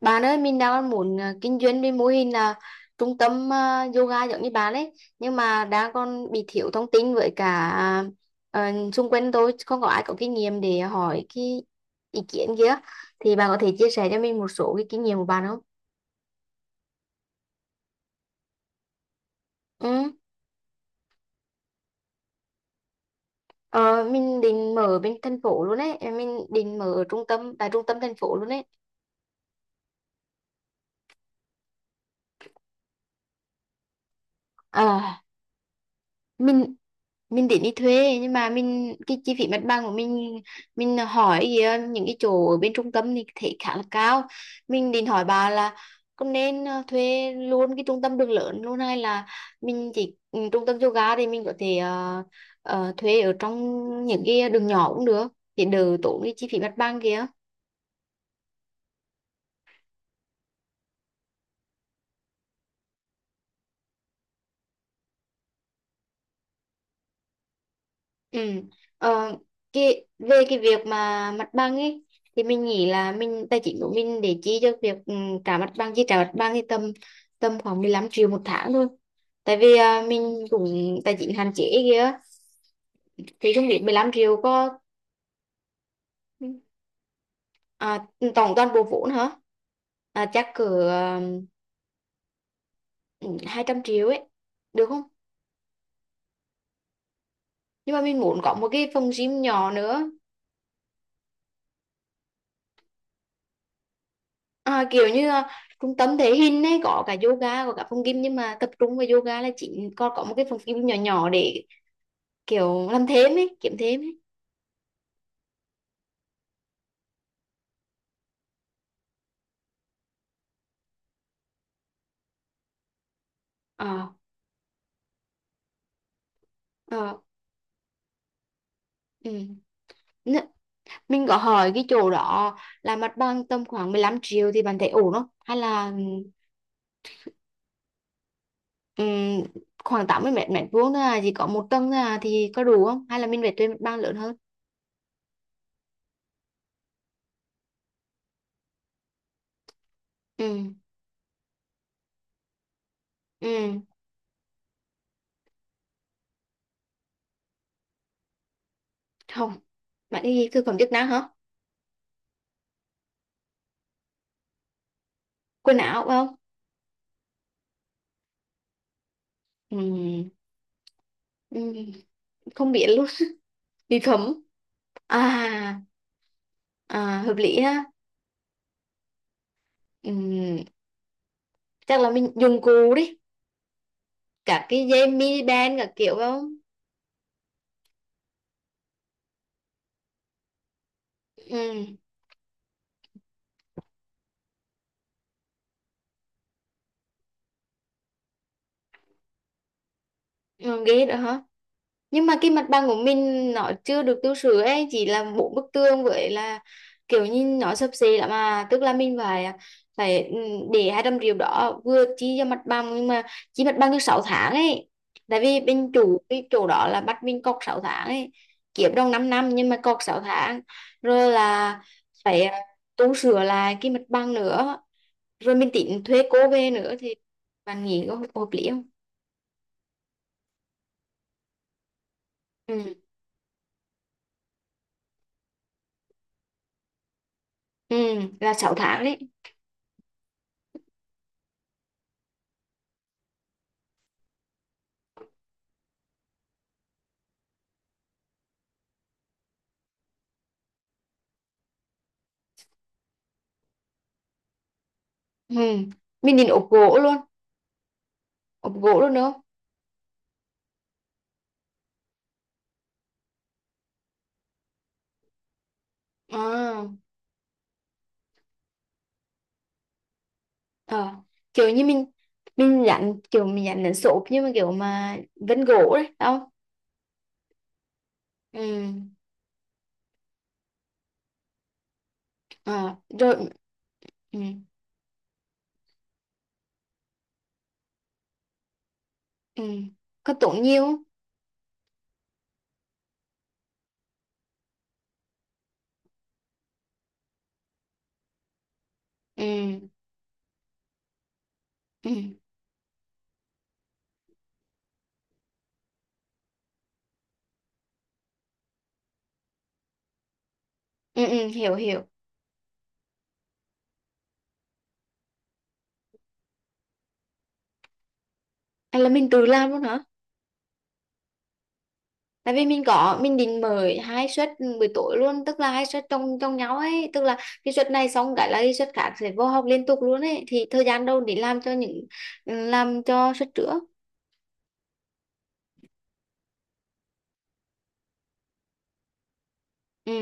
Bạn ơi, mình đang muốn kinh doanh với mô hình là trung tâm yoga giống như bạn ấy, nhưng mà đang còn bị thiếu thông tin với cả xung quanh tôi không có ai có kinh nghiệm để hỏi cái ý kiến kia. Thì bạn có thể chia sẻ cho mình một số cái kinh nghiệm của bạn không? Ừ. Ờ, mình định mở bên thành phố luôn ấy, mình định mở ở trung tâm tại trung tâm thành phố luôn ấy. À, mình mình đến đi thuê nhưng mà mình cái chi phí mặt bằng của mình hỏi kìa, những cái chỗ ở bên trung tâm thì thấy khá là cao, mình định hỏi bà là có nên thuê luôn cái trung tâm đường lớn luôn hay là mình chỉ trung tâm yoga thì mình có thể thuê ở trong những cái đường nhỏ cũng được để đỡ tốn cái chi phí mặt bằng kìa. Ừ. Ờ, về cái việc mà mặt bằng ấy thì mình nghĩ là mình tài chính của mình để chi cho việc trả mặt bằng chi trả mặt bằng thì tầm tầm khoảng 15 triệu một tháng thôi tại vì mình cũng tài chính hạn chế kia thì không biết 15 triệu có. À, tổng toàn bộ vốn hả? À, chắc cỡ 200 triệu ấy được không? Nhưng mà mình muốn có một cái phòng gym nhỏ nữa. À, kiểu như trung tâm thể hình ấy có cả yoga có cả phòng gym nhưng mà tập trung vào yoga là chỉ còn có một cái phòng gym nhỏ nhỏ để kiểu làm thêm ấy kiếm thêm ấy. Ờ. Ờ. Ừ. N- mình có hỏi cái chỗ đó là mặt bằng tầm khoảng 15 triệu thì bạn thấy ổn không hay là ừm, khoảng 80 mét mét vuông thôi à, chỉ có một tầng thôi à, thì có đủ không hay là mình phải thuê mặt bằng lớn hơn. Ừ. Ừ. Không, bạn đi thực phẩm chức năng hả? Quần áo phải không? Ừ. Ừ. Không biết luôn. Bị khấm. À. À, hợp lý ha. Ừm, chắc là mình dùng cụ đi cả cái dây mini band cả kiểu phải không? Ừ, ghi đó hả? Nhưng mà cái mặt bằng của mình nó chưa được tu sửa ấy, chỉ là bốn bức tường với là kiểu như nó xấp xệ lắm mà tức là mình phải phải để 200 triệu đó vừa chi cho mặt bằng nhưng mà chi mặt bằng được 6 tháng ấy, tại vì bên chủ cái chỗ đó là bắt mình cọc 6 tháng ấy, kiếm trong 5 năm nhưng mà cọc 6 tháng rồi là phải tu sửa lại cái mặt bằng nữa, rồi mình tính thuê cô về nữa thì bạn nghĩ có hợp hợp lý không? Ừ. Ừ, là 6 tháng đấy. Ừ. Mình định ốp gỗ luôn, ốp gỗ luôn đúng không? À, ờ. Kiểu như mình dán kiểu mình dán đến số nhưng mà kiểu mà vân gỗ đấy đúng không? Ừ. Ờ, rồi. Ừ. Ừ. Có tốn nhiều không? Ừ. Ừ. Ừ. Ừ, hiểu hiểu. À, là mình tự làm luôn hả? Tại vì mình có mình định mở 2 suất buổi tối luôn tức là 2 suất trong trong nhau ấy tức là cái suất này xong cái là cái suất khác sẽ vô học liên tục luôn ấy thì thời gian đâu để làm cho những làm cho suất trước. Ừ.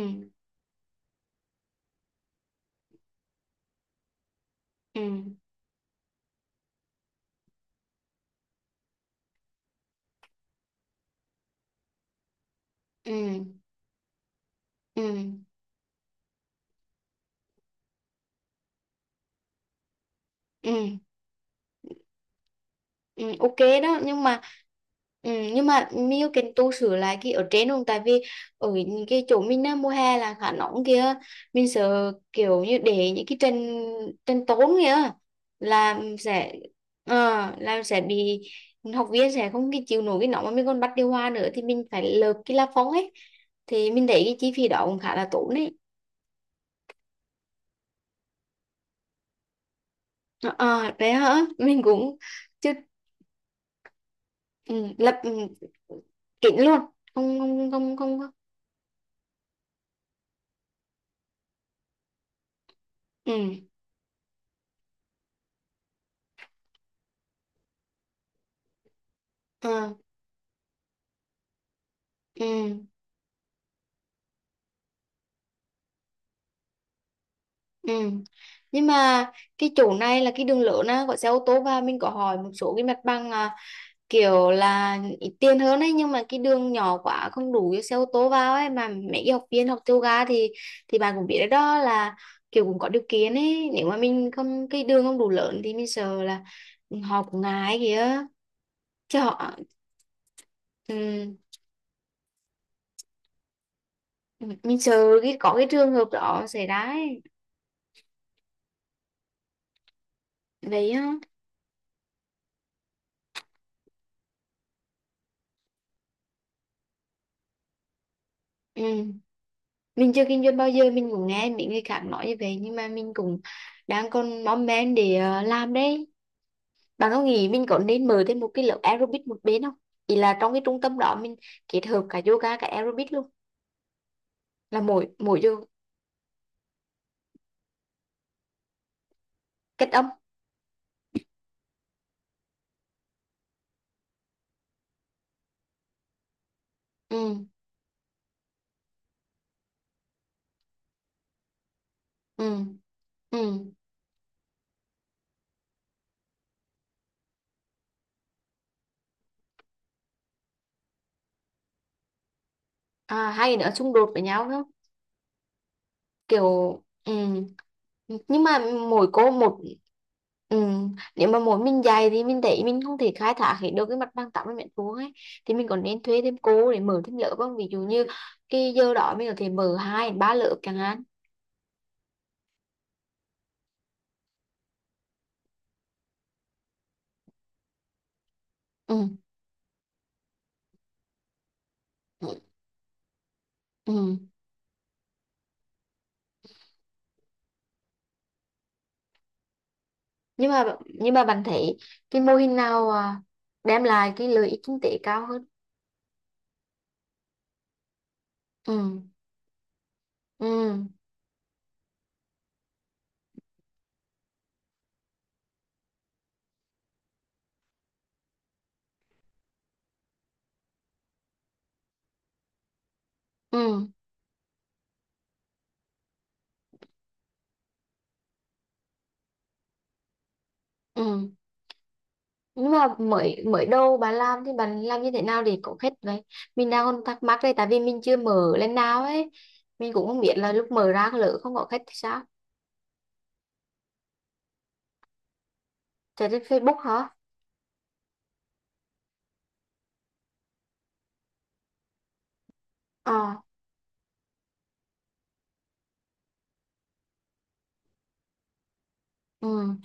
Ừ. Ừ. Ừ. Ừ. Ừ, ok. Đó nhưng mà nhưng mà Miu cần tu sửa lại cái ở trên không tại vì ở những cái chỗ mình á, mùa hè là khá nóng kia, mình sợ kiểu như để những cái tranh tranh tốn kia là sẽ ờ, là sẽ bị học viên sẽ không cái chịu nổi cái nóng mà mình còn bắt điều hòa nữa thì mình phải lợp cái la phong ấy thì mình thấy cái chi phí đó cũng khá là tốn đấy. Ờ, à, đấy hả, mình cũng chưa. Ừ, lập kín luôn. Không, không, không, không, không. Ừ. ờ, ừ. Ừ. Nhưng mà cái chỗ này là cái đường lớn á, có xe ô tô, và mình có hỏi một số cái mặt bằng kiểu là ít tiền hơn ấy nhưng mà cái đường nhỏ quá, không đủ cho xe ô tô vào ấy, mà mấy cái học viên học yoga thì bạn cũng biết đấy đó là kiểu cũng có điều kiện ấy, nếu mà mình không cái đường không đủ lớn thì mình sợ là họ cũng ngại kìa chứ họ. Ừ, mình sợ cái có cái trường hợp đó xảy ra ấy. Vậy á. Ừ. Mình chưa kinh doanh bao giờ mình cũng nghe mấy người khác nói như vậy nhưng mà mình cũng đang còn mong men để làm đấy. Bạn có nghĩ mình có nên mở thêm một cái lớp aerobic một bên không? Ý là trong cái trung tâm đó mình kết hợp cả yoga cả aerobic luôn. Là mỗi mỗi vô kết âm. Ừ. Ừ. Ừ. À, hai cái nữa xung đột với nhau, kiểu ừ. Nhưng mà mỗi cô một. Ừ. Nếu mà mỗi mình dạy thì mình thấy mình không thể khai thác hết được cái mặt bằng 80 mét vuông ấy thì mình còn nên thuê thêm cô để mở thêm lớp không, ví dụ như cái giờ đó mình có thể mở 2 đến 3 lớp chẳng hạn. Ừ. Ừ. Ừ. nhưng mà bạn thấy cái mô hình nào đem lại cái lợi ích kinh tế cao hơn? Ừ. Ừ. Ừ. Ừ. Nhưng mà mới mới đầu bà làm thì bà làm như thế nào để có khách đấy, mình đang còn thắc mắc đây tại vì mình chưa mở lên nào ấy, mình cũng không biết là lúc mở ra lỡ không có khách thì sao. Chạy trên Facebook hả? Ờ. Ừ.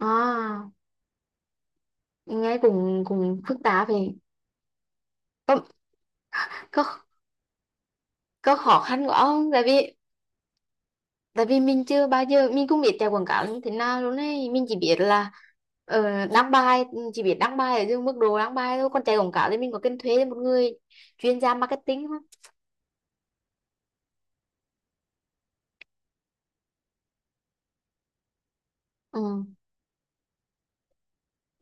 À, nghe cũng cũng phức tạp vậy, có có có khó khăn của ông tại vì mình chưa bao giờ mình cũng biết chạy quảng cáo như thế nào luôn ấy, mình chỉ biết là đăng bài, chỉ biết đăng bài ở dưới mức độ đăng bài thôi, còn chạy quảng cáo thì mình có cần thuê một người chuyên gia marketing không? Ừ.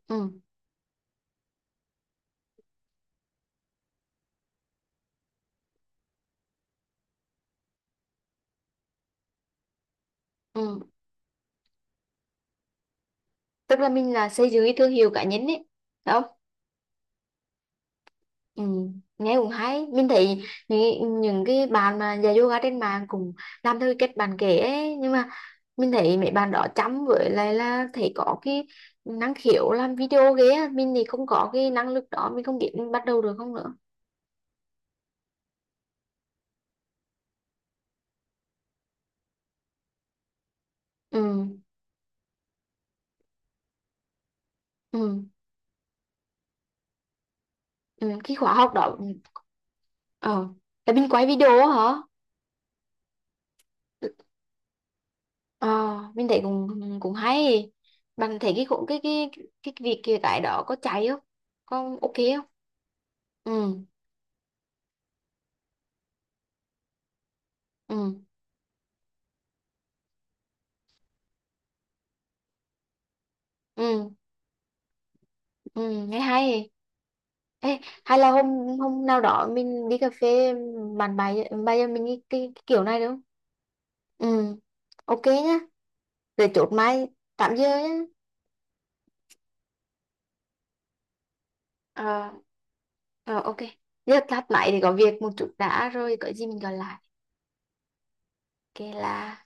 Ừ. Ừ, tức là mình là xây dựng cái thương hiệu cá nhân ấy phải không? Ừ, nghe cũng hay mình thấy những cái bạn mà dạy yoga trên mạng cũng làm theo cái cách bạn kể ấy nhưng mà mình thấy mấy bạn đó chăm với lại là thấy có cái năng khiếu làm video ghê á, mình thì không có cái năng lực đó, mình không biết mình bắt đầu được không nữa. Ừ. ừ, ừ. Cái khóa học đó. Ừ. Ờ, là mình quay video á hả? Ờ, mình thấy cũng cũng hay. Bạn thấy cái cái cái việc kia cái đó có chạy không? Có ok không? Ừ, ừ, ừ, ừ, nghe hay. Ê, hay là hôm hôm nào đó mình đi cà phê bàn bài bây giờ mình cái kiểu này được không? Ừ, ok nhá. Rồi chốt mai 8 giờ nhá. Ờ, ờ ok. Giờ tắt máy thì có việc một chút đã rồi có gì mình gọi lại. Ok là